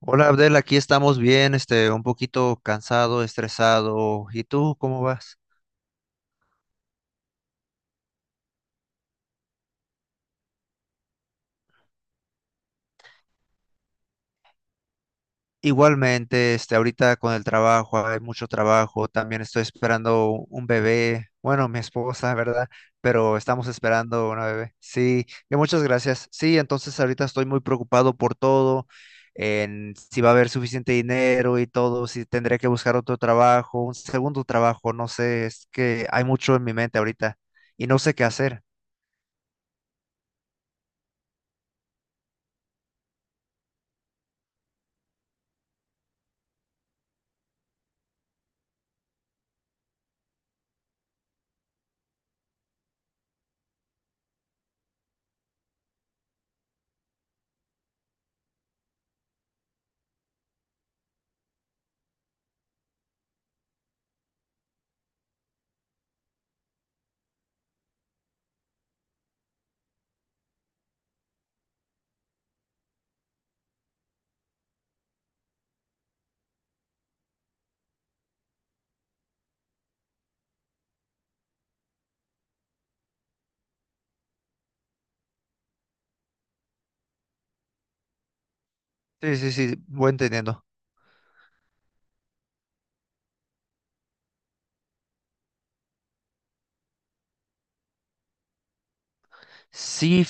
Hola Abdel, aquí estamos bien, un poquito cansado, estresado. ¿Y tú cómo vas? Igualmente, ahorita con el trabajo, hay mucho trabajo. También estoy esperando un bebé. Bueno, mi esposa, ¿verdad? Pero estamos esperando una bebé. Sí, y muchas gracias. Sí, entonces ahorita estoy muy preocupado por todo, en si va a haber suficiente dinero y todo, si tendré que buscar otro trabajo, un segundo trabajo, no sé, es que hay mucho en mi mente ahorita y no sé qué hacer. Sí, sí, sí, voy entendiendo. Sí,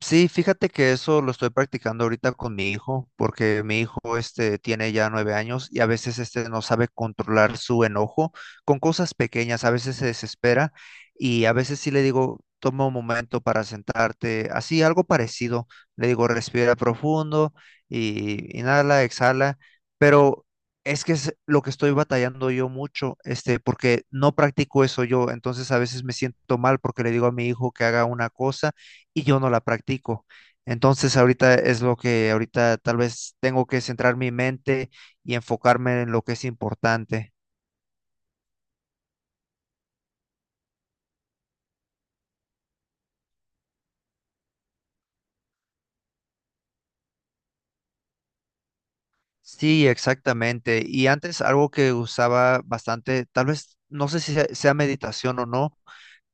sí, fíjate que eso lo estoy practicando ahorita con mi hijo, porque mi hijo tiene ya 9 años y a veces no sabe controlar su enojo con cosas pequeñas, a veces se desespera y a veces sí le digo, toma un momento para sentarte, así algo parecido, le digo, respira profundo y inhala, exhala, pero es que es lo que estoy batallando yo mucho, porque no practico eso yo, entonces a veces me siento mal porque le digo a mi hijo que haga una cosa y yo no la practico. Entonces ahorita es lo que ahorita tal vez tengo que centrar mi mente y enfocarme en lo que es importante. Sí, exactamente. Y antes algo que usaba bastante, tal vez no sé si sea meditación o no,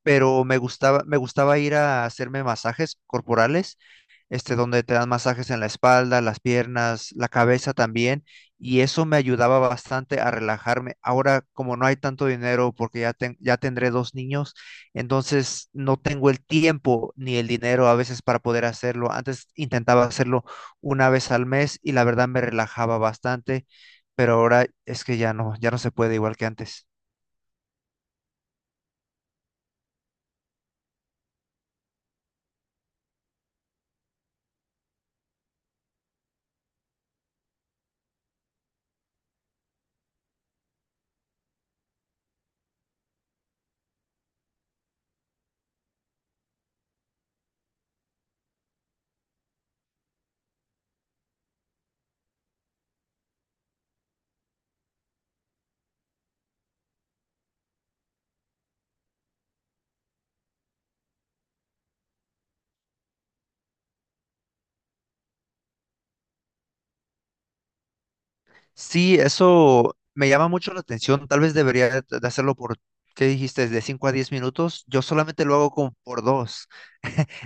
pero me gustaba ir a hacerme masajes corporales, donde te dan masajes en la espalda, las piernas, la cabeza también, y eso me ayudaba bastante a relajarme. Ahora, como no hay tanto dinero, porque ya tendré dos niños, entonces no tengo el tiempo ni el dinero a veces para poder hacerlo. Antes intentaba hacerlo una vez al mes y la verdad me relajaba bastante, pero ahora es que ya no, ya no se puede igual que antes. Sí, eso me llama mucho la atención. Tal vez debería de hacerlo por, ¿qué dijiste? De 5 a 10 minutos. Yo solamente lo hago como por dos.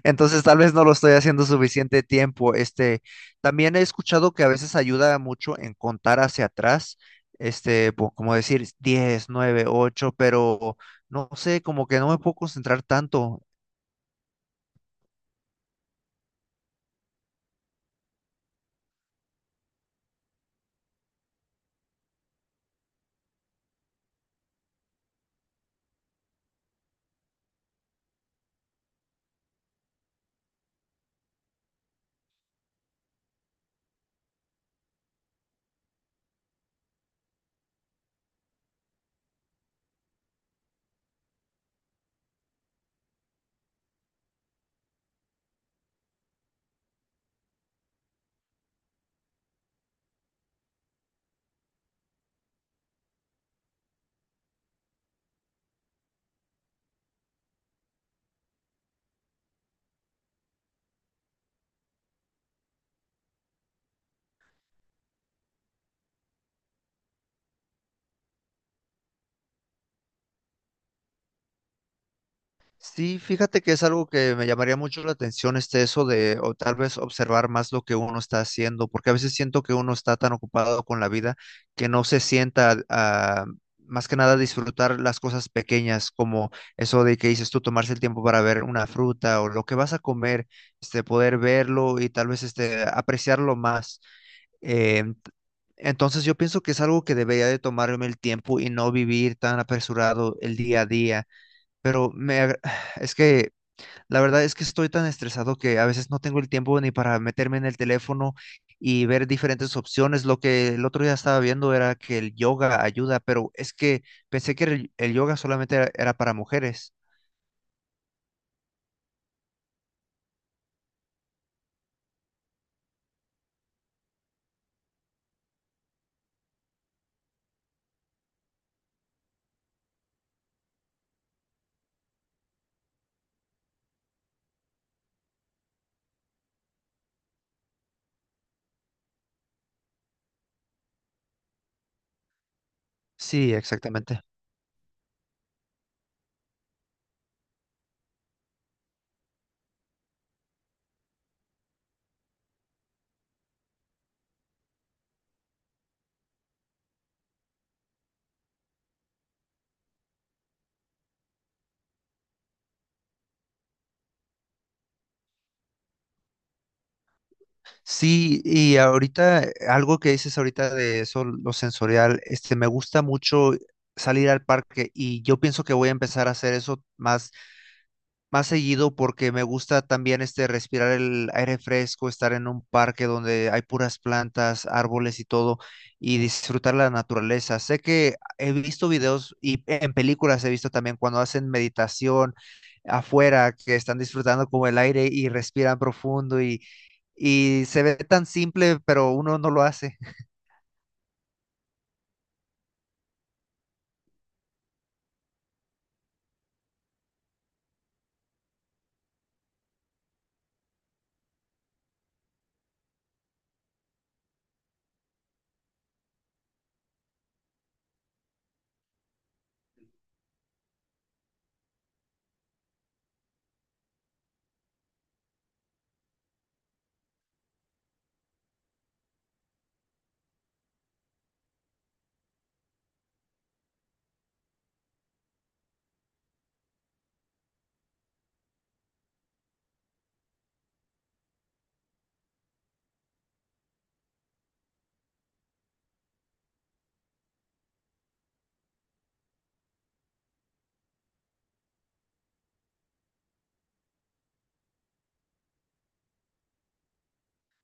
Entonces, tal vez no lo estoy haciendo suficiente tiempo. También he escuchado que a veces ayuda mucho en contar hacia atrás. Como decir 10, 9, 8. Pero no sé, como que no me puedo concentrar tanto. Sí, fíjate que es algo que me llamaría mucho la atención, eso de, o tal vez observar más lo que uno está haciendo, porque a veces siento que uno está tan ocupado con la vida que no se sienta a, más que nada, disfrutar las cosas pequeñas, como eso de que dices tú, tomarse el tiempo para ver una fruta o lo que vas a comer, poder verlo y tal vez, apreciarlo más. Eh, entonces yo pienso que es algo que debería de tomarme el tiempo y no vivir tan apresurado el día a día, pero es que la verdad es que estoy tan estresado que a veces no tengo el tiempo ni para meterme en el teléfono y ver diferentes opciones. Lo que el otro día estaba viendo era que el yoga ayuda, pero es que pensé que el yoga solamente era para mujeres. Sí, exactamente. Sí, y ahorita algo que dices ahorita de eso, lo sensorial, me gusta mucho salir al parque y yo pienso que voy a empezar a hacer eso más seguido porque me gusta también respirar el aire fresco, estar en un parque donde hay puras plantas, árboles y todo, y disfrutar la naturaleza. Sé que he visto videos y en películas he visto también cuando hacen meditación afuera, que están disfrutando como el aire y respiran profundo y se ve tan simple, pero uno no lo hace.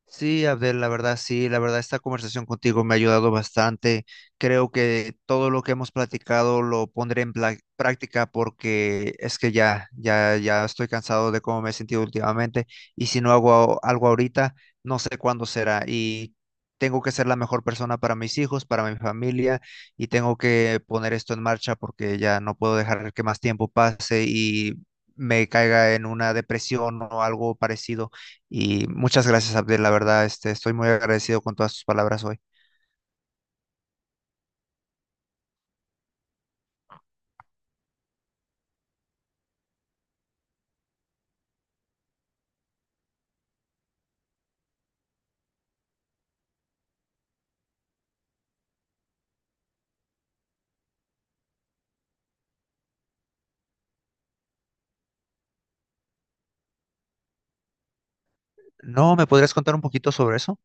Sí, Abdel, la verdad, sí, la verdad, esta conversación contigo me ha ayudado bastante. Creo que todo lo que hemos platicado lo pondré en práctica porque es que ya estoy cansado de cómo me he sentido últimamente y si no hago algo ahorita, no sé cuándo será y tengo que ser la mejor persona para mis hijos, para mi familia y tengo que poner esto en marcha porque ya no puedo dejar que más tiempo pase y me caiga en una depresión o algo parecido y muchas gracias, Abdel, la verdad, estoy muy agradecido con todas tus palabras hoy. ¿No me podrías contar un poquito sobre eso?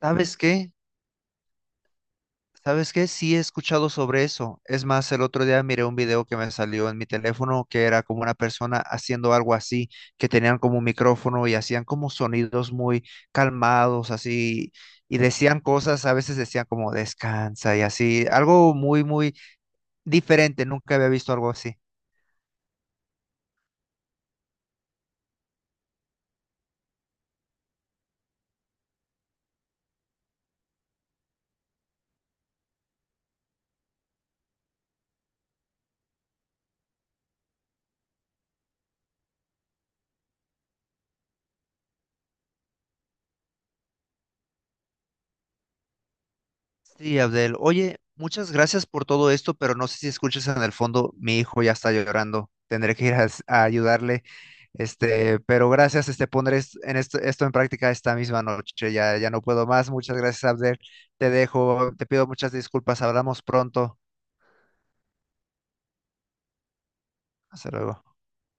¿Sabes qué? ¿Sabes qué? Sí he escuchado sobre eso. Es más, el otro día miré un video que me salió en mi teléfono que era como una persona haciendo algo así, que tenían como un micrófono y hacían como sonidos muy calmados, así, y decían cosas, a veces decían como descansa y así, algo muy, muy diferente. Nunca había visto algo así. Sí, Abdel. Oye, muchas gracias por todo esto, pero no sé si escuchas en el fondo, mi hijo ya está llorando. Tendré que ir a ayudarle. Pero gracias, pondré en esto en práctica esta misma noche. Ya no puedo más. Muchas gracias, Abdel. Te dejo, te pido muchas disculpas. Hablamos pronto. Hasta luego.